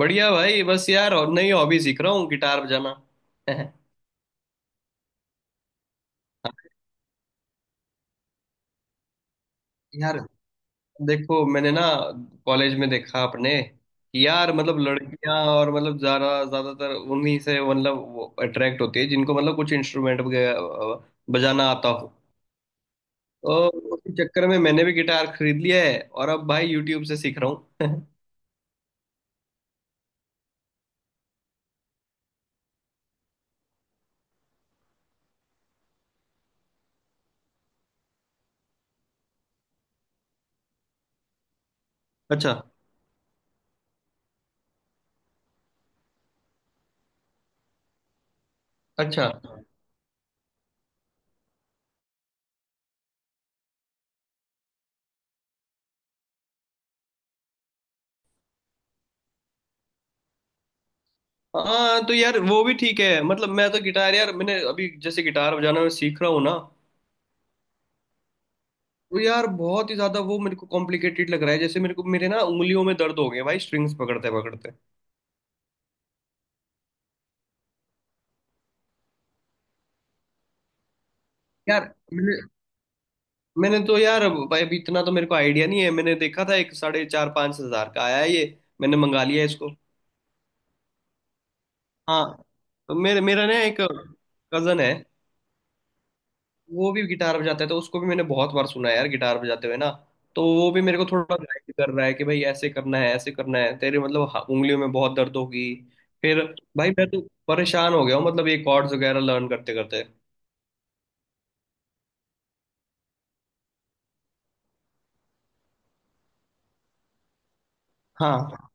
बढ़िया भाई, बस यार। और नई हॉबी सीख रहा हूँ, गिटार बजाना। यार देखो, मैंने ना कॉलेज में देखा अपने कि यार मतलब लड़कियां और मतलब ज्यादा ज्यादातर उन्हीं से मतलब अट्रैक्ट होती है जिनको मतलब कुछ इंस्ट्रूमेंट बजाना आता हो। तो उसी चक्कर में मैंने भी गिटार खरीद लिया है और अब भाई यूट्यूब से सीख रहा हूँ। अच्छा। अच्छा, हाँ। तो यार वो भी ठीक है, मतलब मैं तो गिटार, यार मैंने अभी, जैसे गिटार बजाना मैं सीख रहा हूँ ना, वो यार बहुत ही ज्यादा वो मेरे को कॉम्प्लिकेटेड लग रहा है। जैसे मेरे को मेरे ना उंगलियों में दर्द हो गए भाई, स्ट्रिंग्स पकड़ते पकड़ते। यार मैंने मैंने तो यार भाई अभी इतना तो मेरे को आइडिया नहीं है। मैंने देखा था, एक साढ़े चार पाँच हजार का आया है ये, मैंने मंगा लिया इसको। हाँ, तो मेरे मेरा ना एक कजन है, वो भी गिटार बजाता है। तो उसको भी मैंने बहुत बार सुना है यार गिटार बजाते हुए ना। तो वो भी मेरे को थोड़ा गाइड कर रहा है कि भाई ऐसे करना है, ऐसे करना है, तेरे मतलब उंगलियों में बहुत दर्द होगी। फिर भाई मैं तो परेशान हो गया हूँ, मतलब ये कॉर्ड्स वगैरह लर्न करते करते। हाँ।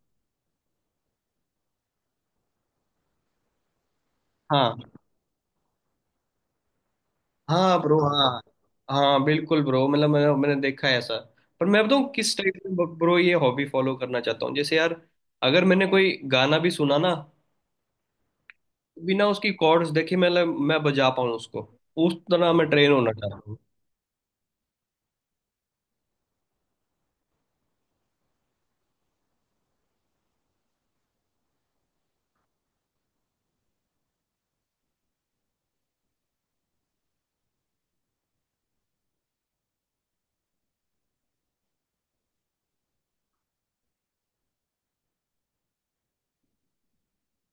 हाँ। हाँ ब्रो, हाँ। हाँ बिल्कुल ब्रो, मतलब मैंने मैंने देखा है ऐसा। पर मैं बताऊँ किस टाइप में ब्रो ये हॉबी फॉलो करना चाहता हूँ। जैसे यार अगर मैंने कोई गाना भी सुना ना, तो बिना उसकी कॉर्ड्स देखे मैं बजा पाऊँ उसको। उस तरह मैं ट्रेन होना चाहता हूँ।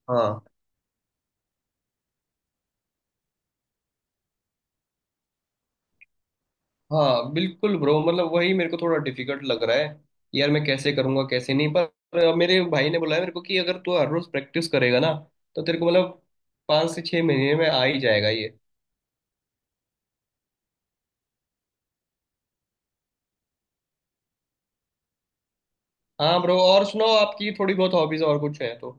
हाँ। हाँ बिल्कुल ब्रो, मतलब वही मेरे को थोड़ा डिफिकल्ट लग रहा है। यार मैं कैसे करूँगा कैसे नहीं, पर पर मेरे भाई ने बोला है मेरे को कि अगर तू हर रोज प्रैक्टिस करेगा ना, तो तेरे को मतलब पाँच से छह महीने में आ ही जाएगा ये। हाँ ब्रो, और सुनाओ, आपकी थोड़ी बहुत हॉबीज और कुछ है तो।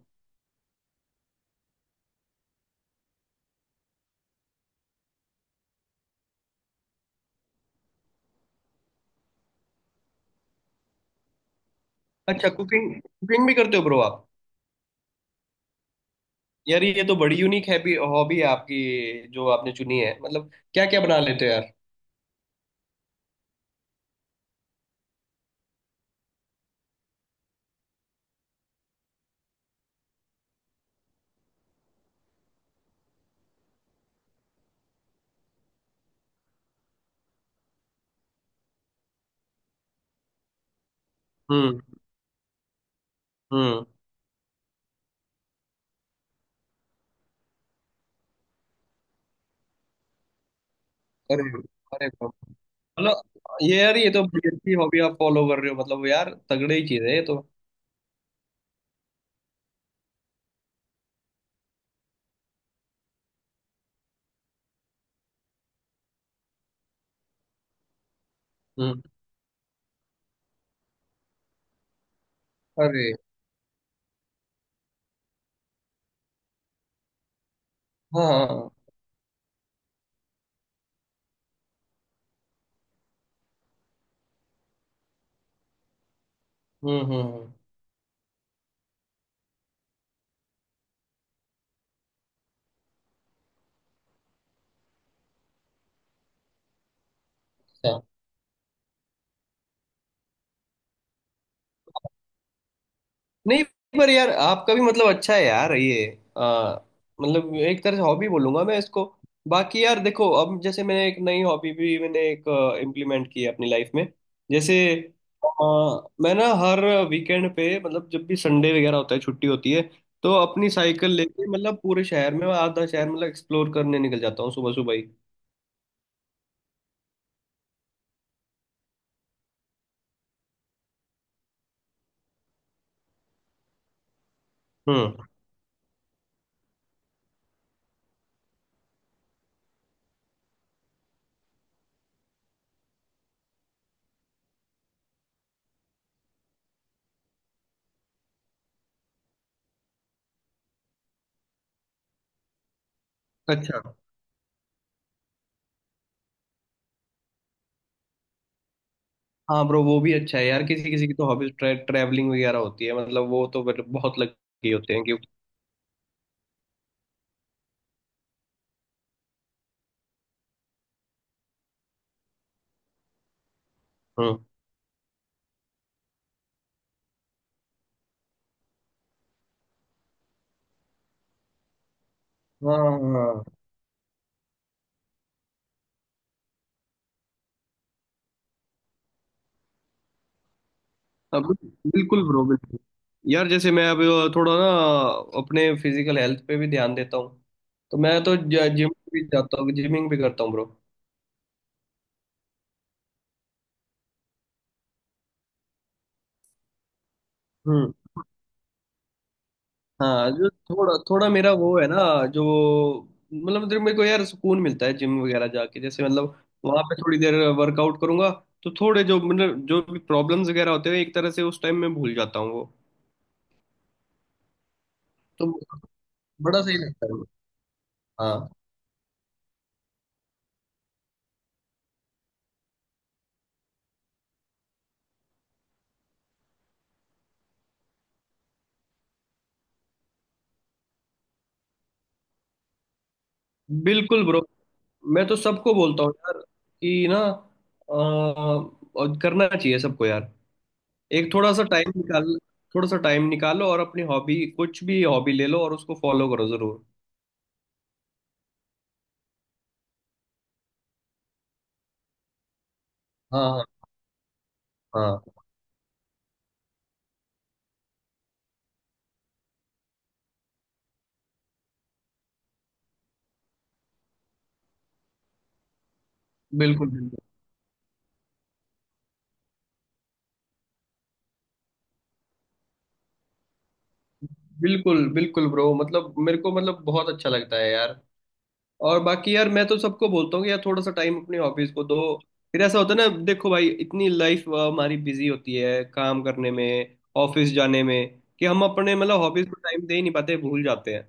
अच्छा, कुकिंग कुकिंग भी करते हो ब्रो आप। यार ये तो बड़ी यूनिक हैबी हॉबी है आपकी, जो आपने चुनी है। मतलब क्या क्या बना लेते हो यार। हम्म। हम्म। अरे अरे bro, मतलब ये यार ये तो बड़ी अच्छी हॉबी आप फॉलो कर रहे हो। मतलब यार तगड़े ही चीज है ये तो। हम्म। अरे हाँ हाँ। हम्म। अच्छा। नहीं, पर यार आपका भी मतलब अच्छा है यार ये। आ, मतलब एक तरह से हॉबी बोलूंगा मैं इसको। बाकी यार देखो, अब जैसे मैंने एक नई हॉबी भी मैंने एक इम्प्लीमेंट की है अपनी लाइफ में। जैसे मैं ना हर वीकेंड पे, मतलब जब भी संडे वगैरह होता है, छुट्टी होती है, तो अपनी साइकिल लेके मतलब पूरे शहर में, मैं आधा शहर मतलब एक्सप्लोर करने निकल जाता हूँ, सुबह सुबह ही। हम्म। अच्छा। हाँ ब्रो, वो भी अच्छा है यार। किसी किसी की तो हॉबी ट्रैवलिंग वगैरह होती है, मतलब वो तो मतलब बहुत लगे होते हैं। क्यों। हाँ हाँ। अब बिल्कुल ब्रो, बिल्कुल। यार जैसे मैं अभी थोड़ा ना अपने फिजिकल हेल्थ पे भी ध्यान देता हूँ। तो मैं तो जिम भी जाता हूँ, जिमिंग भी करता हूँ ब्रो। हम्म। हाँ, जो थोड़ा थोड़ा मेरा वो है ना, जो मतलब जो मेरे को यार सुकून मिलता है जिम वगैरह जाके। जैसे मतलब वहां पे थोड़ी देर वर्कआउट करूंगा, तो थोड़े जो मतलब जो भी प्रॉब्लम्स वगैरह होते हैं, एक तरह से उस टाइम में भूल जाता हूँ वो। तो बड़ा सही लगता है। हाँ बिल्कुल ब्रो। मैं तो सबको बोलता हूँ यार कि ना और करना चाहिए सबको यार। एक थोड़ा सा टाइम निकाल, थोड़ा सा टाइम निकालो और अपनी हॉबी, कुछ भी हॉबी ले लो और उसको फॉलो करो जरूर। हाँ हाँ हाँ। बिल्कुल बिल्कुल। बिल्कुल बिल्कुल ब्रो, मतलब मेरे को मतलब बहुत अच्छा लगता है यार। और बाकी यार मैं तो सबको बोलता हूँ कि यार थोड़ा सा टाइम अपनी हॉबीज को दो। फिर ऐसा होता है ना, देखो भाई, इतनी लाइफ हमारी बिजी होती है काम करने में, ऑफिस जाने में, कि हम अपने मतलब हॉबीज को टाइम दे ही नहीं पाते, भूल जाते हैं।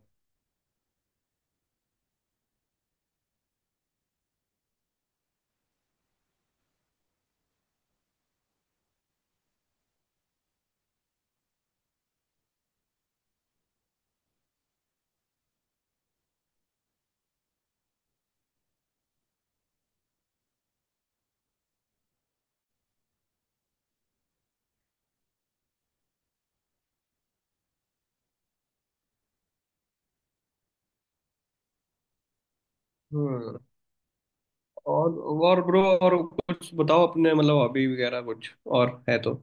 हम्म। और और ब्रो, और कुछ बताओ अपने मतलब हॉबी वगैरह कुछ और है तो।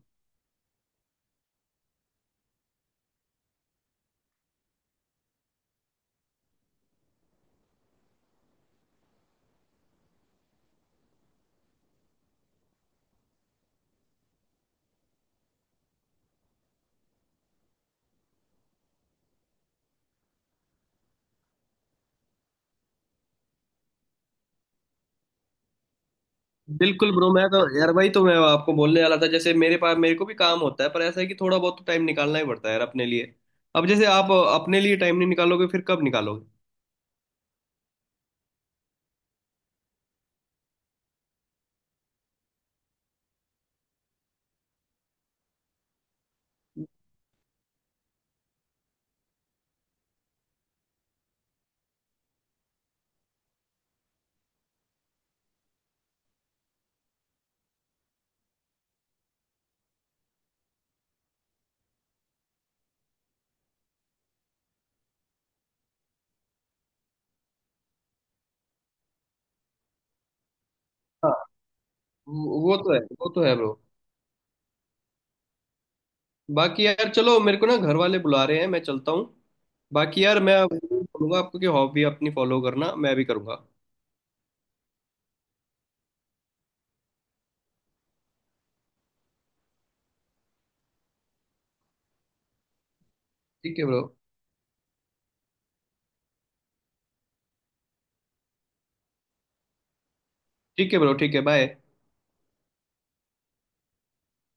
बिल्कुल ब्रो, मैं तो यार भाई तो मैं आपको बोलने वाला था, जैसे मेरे पास मेरे को भी काम होता है, पर ऐसा है कि थोड़ा बहुत तो टाइम निकालना ही पड़ता है यार अपने लिए। अब जैसे आप अपने लिए टाइम नहीं निकालोगे फिर कब निकालोगे। वो तो है, वो तो है ब्रो। बाकी यार चलो, मेरे को ना घर वाले बुला रहे हैं, मैं चलता हूँ। बाकी यार मैं बोलूंगा आपको कि हॉबी अपनी फॉलो करना, मैं भी करूंगा। ठीक है ब्रो ठीक है ब्रो ठीक है, बाय।